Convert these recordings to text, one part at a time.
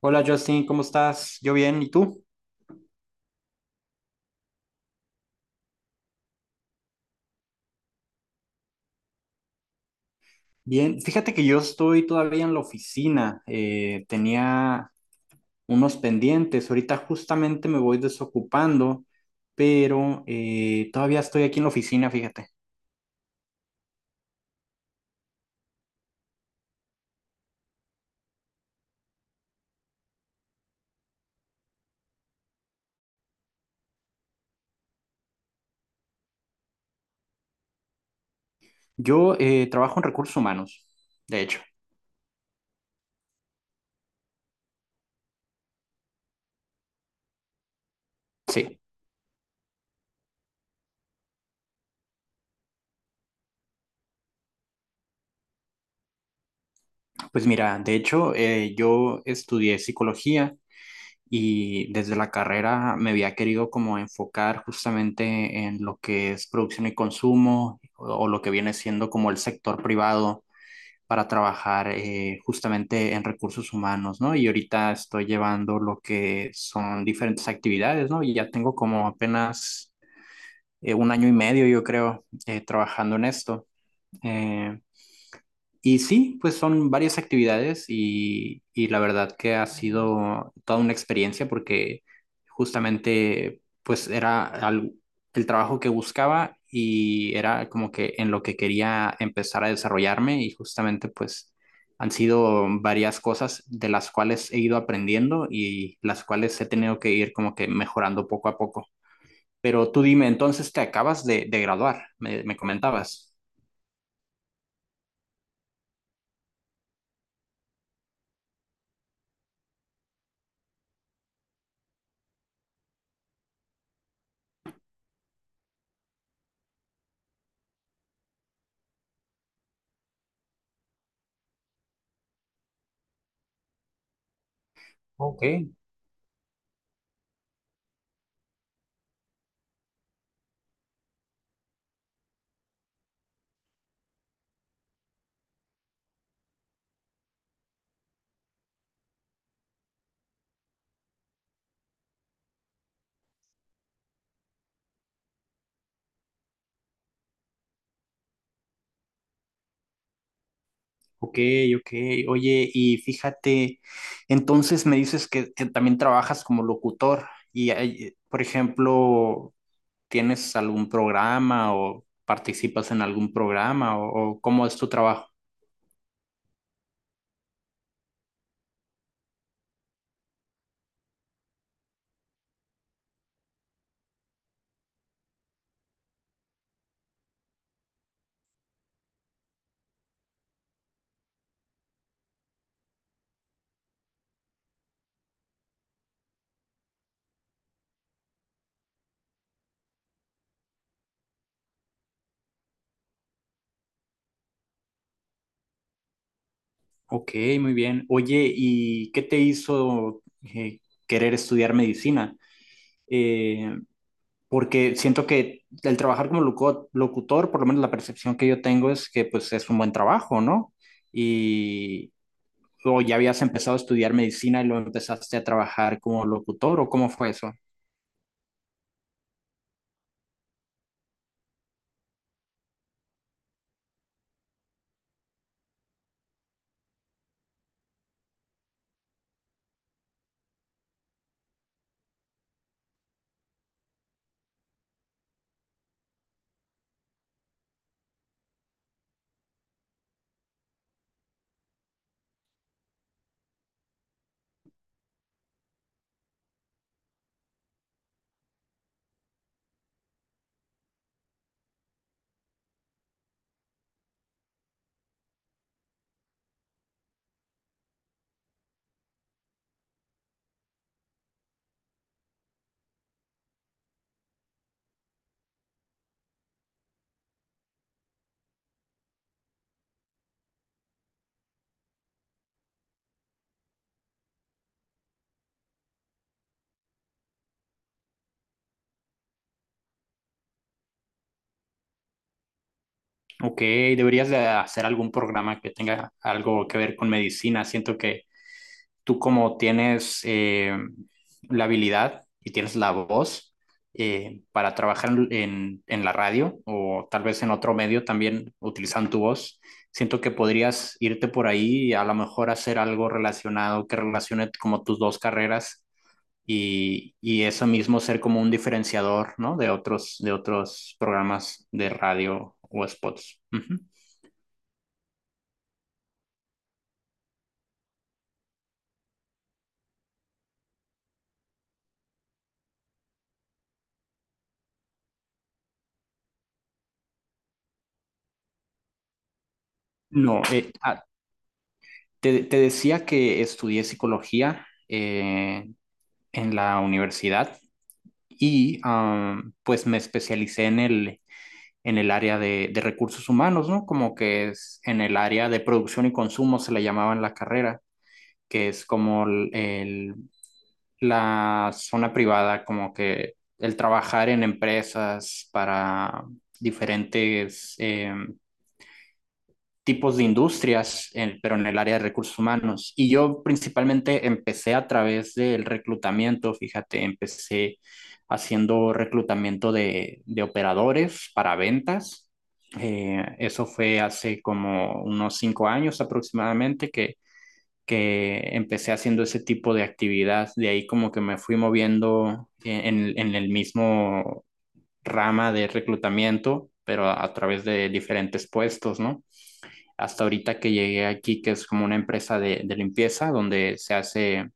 Hola Justin, ¿cómo estás? Yo bien, ¿y tú? Bien, fíjate que yo estoy todavía en la oficina, tenía unos pendientes, ahorita justamente me voy desocupando, pero todavía estoy aquí en la oficina, fíjate. Yo trabajo en recursos humanos, de hecho. Sí, pues mira, de hecho yo estudié psicología y desde la carrera me había querido como enfocar justamente en lo que es producción y consumo o lo que viene siendo como el sector privado para trabajar justamente en recursos humanos, ¿no? Y ahorita estoy llevando lo que son diferentes actividades, ¿no? Y ya tengo como apenas 1 año y medio, yo creo, trabajando en esto. Eh, y sí, pues son varias actividades y la verdad que ha sido toda una experiencia porque justamente pues el trabajo que buscaba y era como que en lo que quería empezar a desarrollarme y justamente pues han sido varias cosas de las cuales he ido aprendiendo y las cuales he tenido que ir como que mejorando poco a poco. Pero tú dime, entonces te acabas de graduar, me comentabas. Ok. Ok, ok. Oye, y fíjate, entonces me dices que también trabajas como locutor y, por ejemplo, ¿tienes algún programa o participas en algún programa o cómo es tu trabajo? Ok, muy bien. Oye, ¿y qué te hizo querer estudiar medicina? Eh, porque siento que el trabajar como locutor, por lo menos la percepción que yo tengo es que pues es un buen trabajo, ¿no? ¿O ya habías empezado a estudiar medicina y lo empezaste a trabajar como locutor o cómo fue eso? Ok, deberías de hacer algún programa que tenga algo que ver con medicina. Siento que tú como tienes la habilidad y tienes la voz para trabajar en la radio o tal vez en otro medio también utilizando tu voz, siento que podrías irte por ahí y a lo mejor hacer algo relacionado que relacione como tus dos carreras y eso mismo ser como un diferenciador, ¿no? De otros programas de radio o spots. Ujú. No, te decía que estudié psicología en la universidad y pues me especialicé en el área de recursos humanos, ¿no? Como que es en el área de producción y consumo se le llamaba en la carrera, que es como el la zona privada, como que el trabajar en empresas para diferentes tipos de industrias, pero en el área de recursos humanos. Y yo principalmente empecé a través del reclutamiento, fíjate, empecé haciendo reclutamiento de operadores para ventas. Eso fue hace como unos 5 años aproximadamente que empecé haciendo ese tipo de actividad. De ahí como que me fui moviendo en el mismo rama de reclutamiento, pero a través de diferentes puestos, ¿no? Hasta ahorita que llegué aquí, que es como una empresa de limpieza, donde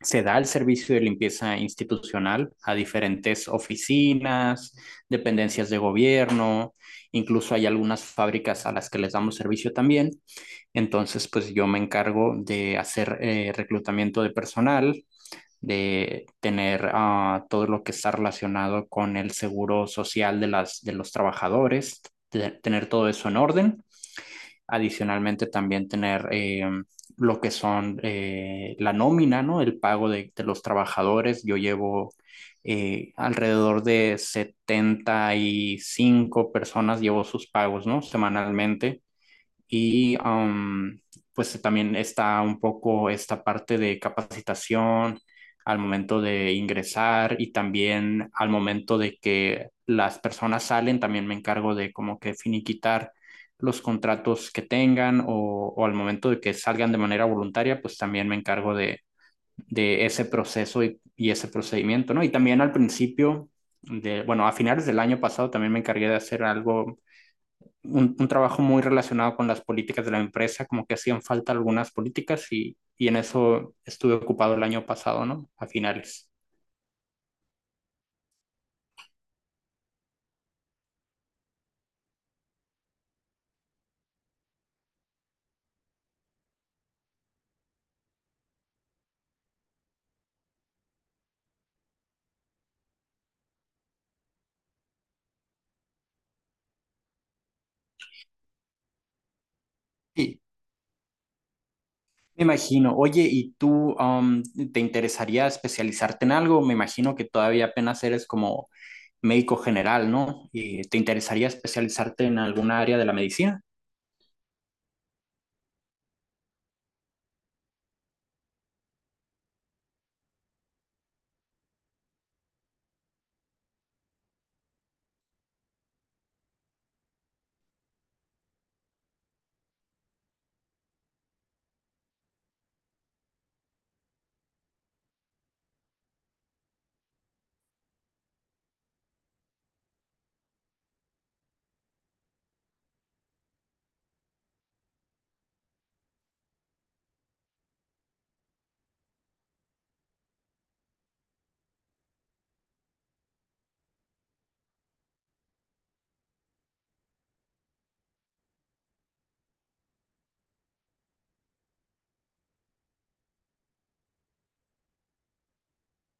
se da el servicio de limpieza institucional a diferentes oficinas, dependencias de gobierno, incluso hay algunas fábricas a las que les damos servicio también. Entonces, pues yo me encargo de hacer reclutamiento de personal, de tener todo lo que está relacionado con el seguro social de los trabajadores, de tener todo eso en orden. Adicionalmente, también tener lo que son la nómina, ¿no? El pago de los trabajadores. Yo llevo alrededor de 75 personas, llevo sus pagos, ¿no? Semanalmente. y um, pues también está un poco esta parte de capacitación al momento de ingresar y también al momento de que las personas salen, también me encargo de como que finiquitar los contratos que tengan o al momento de que salgan de manera voluntaria, pues también me encargo de ese proceso y ese procedimiento, ¿no? Y también al principio, bueno, a finales del año pasado también me encargué de hacer algo un trabajo muy relacionado con las políticas de la empresa, como que hacían falta algunas políticas y en eso estuve ocupado el año pasado, ¿no? A finales. Sí, me imagino. Oye, ¿y tú te interesaría especializarte en algo? Me imagino que todavía apenas eres como médico general, ¿no? ¿Te interesaría especializarte en alguna área de la medicina?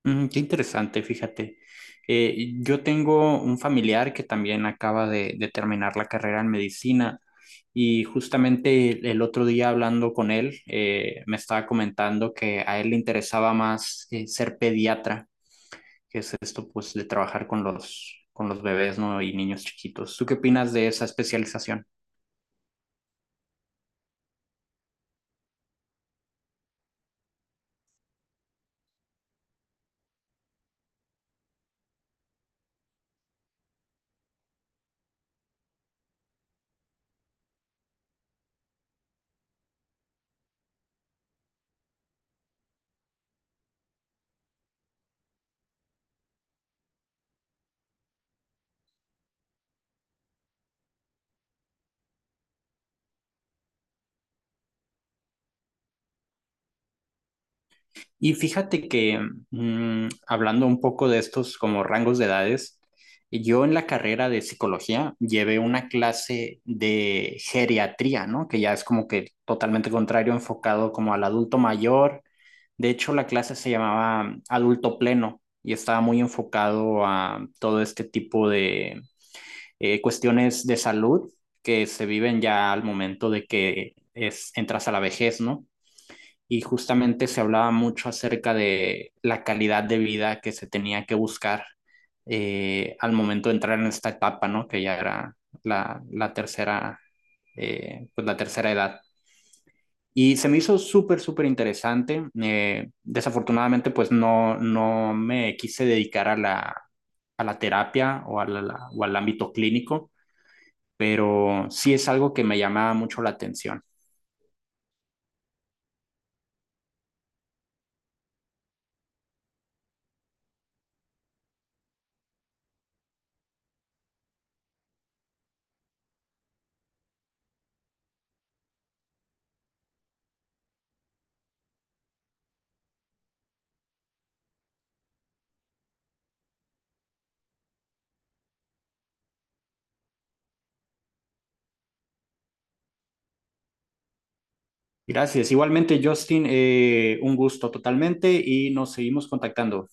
Mm, qué interesante, fíjate. Yo tengo un familiar que también acaba de terminar la carrera en medicina y justamente el otro día hablando con él, me estaba comentando que a él le interesaba más ser pediatra, que es esto pues de trabajar con con los bebés, ¿no? Y niños chiquitos. ¿Tú qué opinas de esa especialización? Y fíjate que mm, hablando un poco de estos como rangos de edades, yo en la carrera de psicología llevé una clase de geriatría, ¿no? Que ya es como que totalmente contrario, enfocado como al adulto mayor. De hecho, la clase se llamaba adulto pleno y estaba muy enfocado a todo este tipo de cuestiones de salud que se viven ya al momento de entras a la vejez, ¿no? Y justamente se hablaba mucho acerca de la calidad de vida que se tenía que buscar al momento de entrar en esta etapa, ¿no? Que ya era la tercera, pues la tercera edad. Y se me hizo súper, súper interesante. Desafortunadamente, pues no, no me quise dedicar a a la terapia o al ámbito clínico, pero sí es algo que me llamaba mucho la atención. Gracias. Igualmente, Justin, un gusto totalmente y nos seguimos contactando.